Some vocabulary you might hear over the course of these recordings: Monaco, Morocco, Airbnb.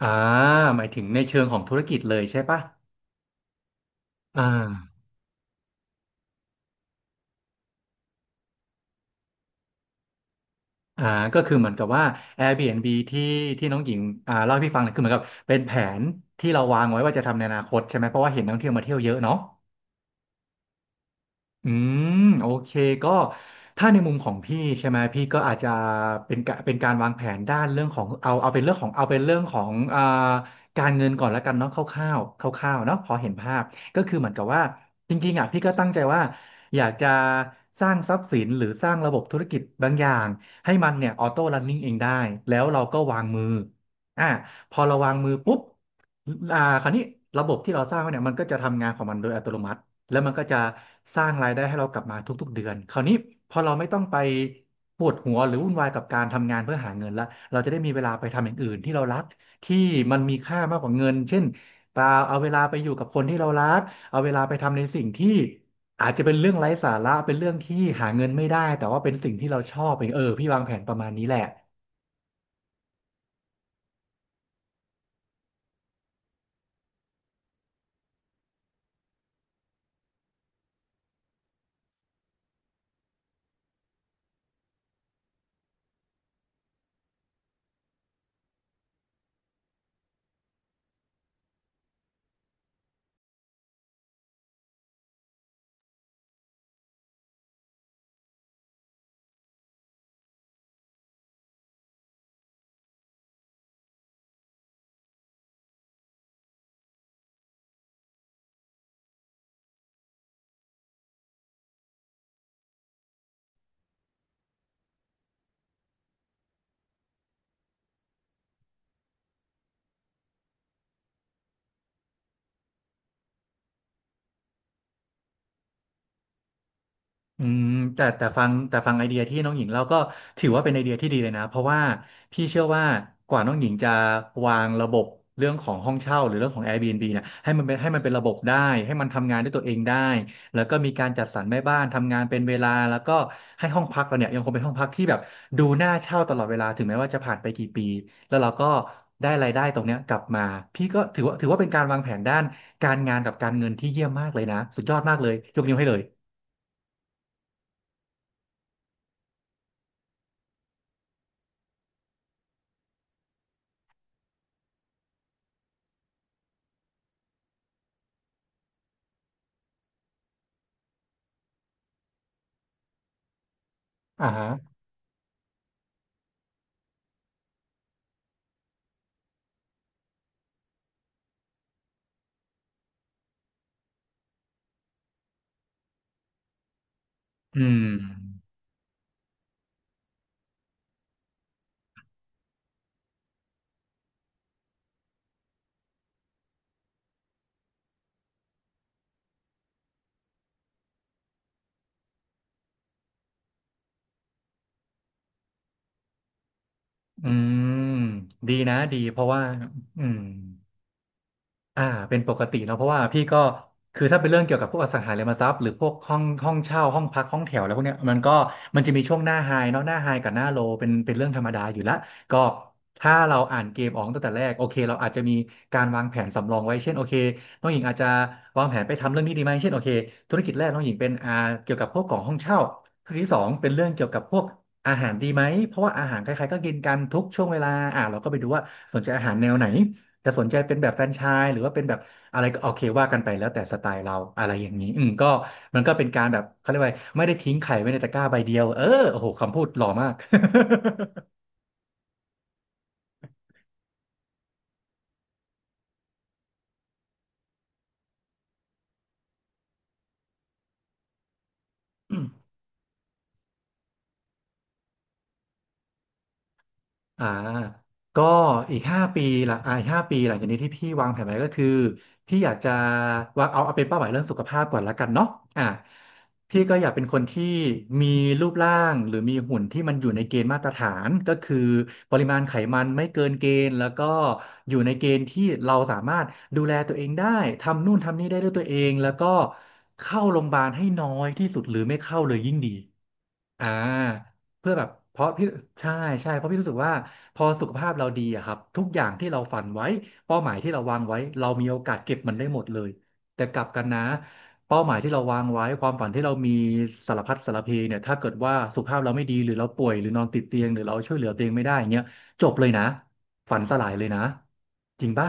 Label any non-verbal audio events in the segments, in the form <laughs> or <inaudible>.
อ่าหมายถึงในเชิงของธุรกิจเลยใช่ปะอ่าอ่าก็คือเหมือนกับว่า Airbnb ที่น้องหญิงเล่าให้พี่ฟังเนี่ยคือเหมือนกับเป็นแผนที่เราวางไว้ว่าจะทำในอนาคตใช่ไหมเพราะว่าเห็นนักท่องเที่ยวมาเที่ยวเยอะเนาะ อืมโอเคก็ถ้าในมุมของพี่ใช่ไหมพี่ก็อาจจะเป็นการวางแผนด้านเรื่องของเอาเป็นเรื่องของเอาเป็นเรื่องของการเงินก่อนแล้วกันเนาะคร่าวๆคร่าวๆเนาะพอเห็นภาพก็คือเหมือนกับว่าจริงๆอ่ะพี่ก็ตั้งใจว่าอยากจะสร้างทรัพย์สินหรือสร้างระบบธุรกิจบางอย่างให้มันเนี่ยออโต้รันนิ่งเองได้แล้วเราก็วางมืออ่าพอเราวางมือปุ๊บคราวนี้ระบบที่เราสร้างไว้เนี่ยมันก็จะทำงานของมันโดยอัตโนมัติ แล้วมันก็จะสร้างรายได้ให้เรากลับมาทุกๆเดือนคราวนี้พอเราไม่ต้องไปปวดหัวหรือวุ่นวายกับการทำงานเพื่อหาเงินละเราจะได้มีเวลาไปทำอย่างอื่นที่เรารักที่มันมีค่ามากกว่าเงินเช่นเปล่าเอาเวลาไปอยู่กับคนที่เรารักเอาเวลาไปทำในสิ่งที่อาจจะเป็นเรื่องไร้สาระเป็นเรื่องที่หาเงินไม่ได้แต่ว่าเป็นสิ่งที่เราชอบเองเออพี่วางแผนประมาณนี้แหละ อืมแต่ฟังไอเดียที่น้องหญิงเล่าก็ถือว่าเป็นไอเดียที่ดีเลยนะเพราะว่าพี่เชื่อว่ากว่าน้องหญิงจะวางระบบเรื่องของห้องเช่าหรือเรื่องของ Airbnb เนี่ยให้มันเป็นระบบได้ให้มันทำงานด้วยตัวเองได้แล้วก็มีการจัดสรรแม่บ้านทำงานเป็นเวลาแล้วก็ให้ห้องพักเราเนี่ยยังคงเป็นห้องพักที่แบบดูน่าเช่าตลอดเวลาถึงแม้ว่าจะผ่านไปกี่ปีแล้วเราก็ได้รายได้ตรงเนี้ยกลับมาพี่ก็ถือว่าเป็นการวางแผนด้านการงานกับการเงินที่เยี่ยมมากเลยนะสุดยอดมากเลยยกนิ้วให้เลยอ่าฮะ อืม อืม ดีนะดีเพราะว่าอืม อ่าเป็นปกติเนอะเพราะว่าพี่ก็คือถ้าเป็นเรื่องเกี่ยวกับพวกอสังหาริมทรัพย์หรือพวกห้องเช่าห้องพักห้องแถวอะไรพวกเนี้ยมันก็มันจะมีช่วงหน้าไฮเนาะหน้าไฮกับหน้าโลเป็นเรื่องธรรมดาอยู่ละก็ถ้าเราอ่านเกมออกตั้งแต่แรกโอเคเราอาจจะมีการวางแผนสำรองไว้เช่นโอเคน้องหญิงอาจจะวางแผนไปทำเรื่องนี้ดีไหมเช่นโอเคธุรกิจแรกน้องหญิงเป็นเกี่ยวกับพวกของห้องเช่าธุรกิจที่สองเป็นเรื่องเกี่ยวกับพวกอาหารดีไหมเพราะว่าอาหารใครๆก็กินกันทุกช่วงเวลาเราก็ไปดูว่าสนใจอาหารแนวไหน จะสนใจเป็นแบบแฟรนไชส์หรือว่าเป็นแบบอะไรก็โอเคว่ากันไปแล้วแต่สไตล์เราอะไรอย่างนี้อืมก็มันก็เป็นการแบบเขาเรียกว่าไม่ได้ทิ้งไข่ไว้ในตะกร้าใบเดียวเออโอ้โหคำพูดหล่อมาก <laughs> อ่าก็อีกห้าปีหลังอีกห้าปีหลังจากนี้ที่พี่วางแผนไว้ก็คือพี่อยากจะวางเอาเป็นเป้าหมายเรื่องสุขภาพก่อนละกันเนาะอ่าพี่ก็อยากเป็นคนที่มีรูปร่างหรือมีหุ่นที่มันอยู่ในเกณฑ์มาตรฐานก็คือปริมาณไขมันไม่เกินเกณฑ์แล้วก็อยู่ในเกณฑ์ที่เราสามารถดูแลตัวเองได้ทำนู่นทำนี่ได้ด้วยตัวเองแล้วก็เข้าโรงพยาบาลให้น้อยที่สุดหรือไม่เข้าเลยยิ่งดี อ่าเพื่อแบบเพราะพี่ใช่ใช่เพราะพี่รู้สึกว่าพอสุขภาพเราดีอะครับทุกอย่างที่เราฝันไว้เป้าหมายที่เราวางไว้เรามีโอกาสเก็บมันได้หมดเลยแต่กลับกันนะเป้าหมายที่เราวางไว้ความฝันที่เรามีสารพัดสารเพเนี่ยถ้าเกิดว่าสุขภาพเราไม่ดีหรือเราป่วยหรือนอนติดเตียงหรือเราช่วยเหลือตัวเองไม่ได้อย่างเงี้ยจบเลยนะฝันสลายเลยนะจริงปะ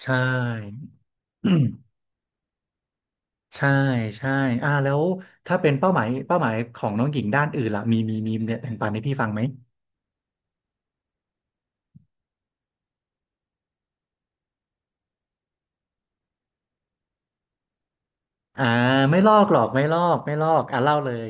ใช่ <clears throat> ใช่ใช่แล้วถ้าเป็นเป้าหมายของน้องหญิงด้านอื่นล่ะมีเนี่ยแบ่งปันให้พี่ฟังไหม อ่าไม่ลอกหรอกไม่ลอกไม่ลอกอ่ะเล่าเลย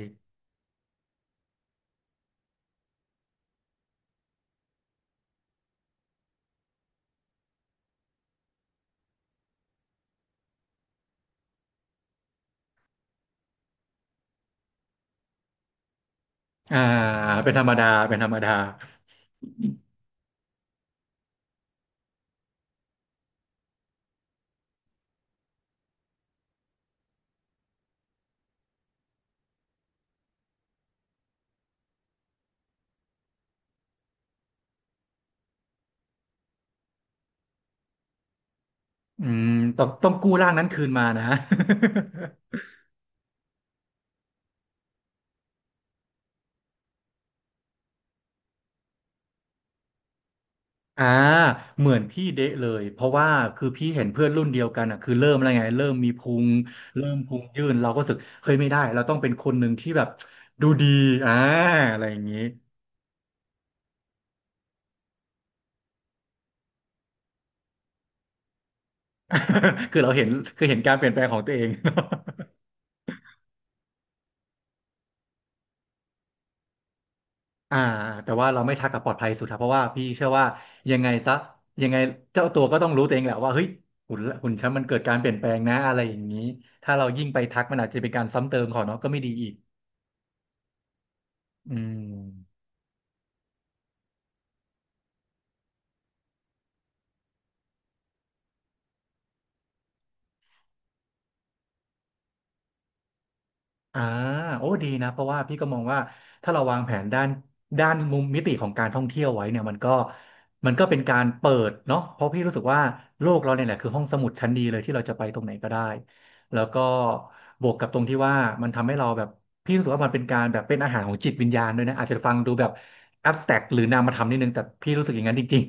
อ่าเป็นธรรมดาเป็นธรรมดาอืมต้องกู้ร่างนั้นคืนมานะ <laughs> อ่าเหมือนพี่เดะเลยเพราะว่าคือพี่เห็นเพื่อนรุ่นเดียวกันอ่ะคือเริ่มอะไรไงเริ่มมีพุงเริ่มพุงยื่นเราก็รู้สึกเฮ้ยไม่ได้เราต้องเป็นคนหนึ่งที่แบบดูดีอ่าอะไรอย่างนี้ <laughs> คือเราเห็นคือเห็นการเปลี่ยนแปลงของตัวเอง <laughs> อ่าแต่ว่าเราไม่ทักกับปลอดภัยสุดครับเพราะว่าพี่เชื่อว่ายังไงซะยังไงเจ้าตัวก็ต้องรู้ตัวเองแหละว่าเฮ้ยหุ่นฉันมันเกิดการเปลี่ยนแปลงนะอะไรอย่างนี้ถ้าเรายิ่งไปทักมันอาจจะเป็นการซ้ำเติมเขอเนาะก็ไม่ดีอีกอืม อ่าโอ้ดีนะเพราะว่าพี่ก็มองว่าถ้าเราวางแผนด้านมุมมิติของการท่องเที่ยวไว้เนี่ยมันก็เป็นการเปิดเนาะเพราะพี่รู้สึกว่าโลกเราเนี่ยแหละคือห้องสมุดชั้นดีเลยที่เราจะไปตรงไหนก็ได้แล้วก็บวกกับตรงที่ว่ามันทำให้เราแบบพี่รู้สึกว่ามันเป็นการแบบเป็นอาหารของจิตวิญญาณด้วยนะอาจจะฟังดูแบบแอบสแต็กหรือนามธรรมนิดนึงแต่พี่รู้สึกอย่างนั้นจริง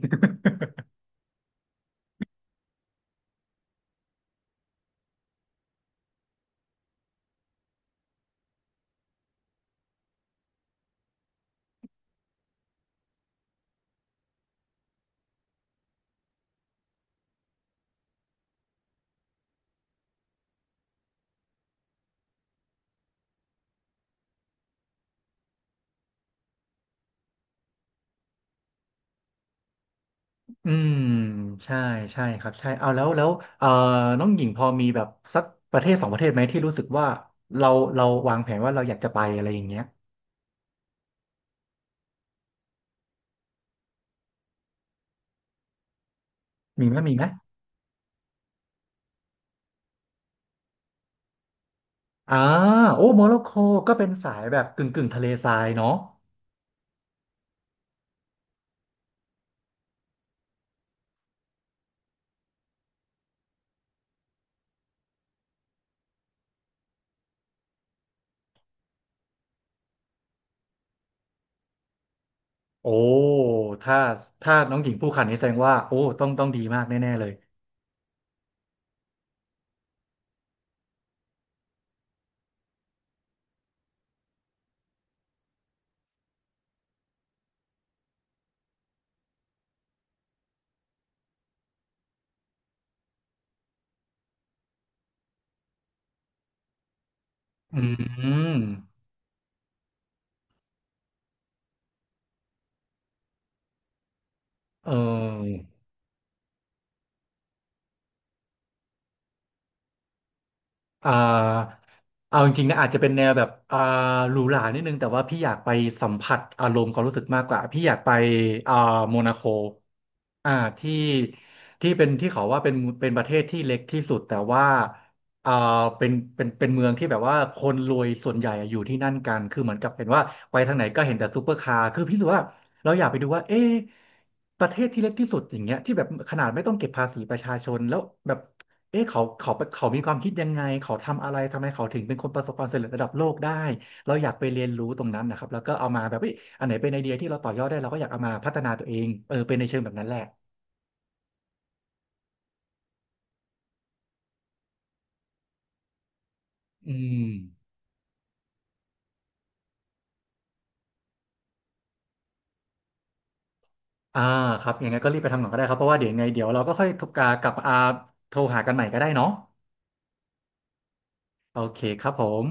อืมใช่ใช่ครับใช่เอาแล้วแล้วเอ่อน้องหญิงพอมีแบบสักประเทศสองประเทศไหมที่รู้สึกว่าเราวางแผนว่าเราอยากจะไปอะไรอย่างเงี้ยมีไหมมีไหมอ่าโอ้โมร็อกโกก็เป็นสายแบบกึ่งทะเลทรายเนาะโอ้ถ้าถ้าน้องหญิงพูดขนาดนี้แสดงว่าโอ้ต้องดีมากแน่ๆเลยอืมเออ อ่าเอาจริงๆนะอาจจะเป็นแนวแบบหรูหรานิดนึงแต่ว่าพี่อยากไปสัมผัสอารมณ์ความรู้สึกมากกว่าพี่อยากไปอ่าโมนาโค อ่าที่ที่เป็นที่เขาว่าเป็นเป็นประเทศที่เล็กที่สุดแต่ว่าอ่าเป็นเป็นเป็นเมืองที่แบบว่าคนรวยส่วนใหญ่อะอยู่ที่นั่นกันคือเหมือนกับเป็นว่าไปทางไหนก็เห็นแต่ซูเปอร์คาร์คือพี่รู้สึกว่าเราอยากไปดูว่าเอ๊ะประเทศที่เล็กที่สุดอย่างเงี้ยที่แบบขนาดไม่ต้องเก็บภาษีประชาชนแล้วแบบเอ๊ะเขามีความคิดยังไงเขาทำอะไรทำไมเขาถึงเป็นคนประสบความสำเร็จระดับโลกได้เราอยากไปเรียนรู้ตรงนั้นนะครับแล้วก็เอามาแบบเอ้ยอันไหนเป็นไอเดียที่เราต่อยอดได้เราก็อยากเอามาพัฒนาตัวเองเออเป็นในเชิงแบบนั้นแหละ อืม อ่าครับยังไงก็รีบไปทำก่อนก็ได้ครับ เพราะว่าเดี๋ยวยังไงเดี๋ยวเราก็ค่อยโทรกากลับอาโทรหากันใหม่ก็ได้เนาะโอเคครับผม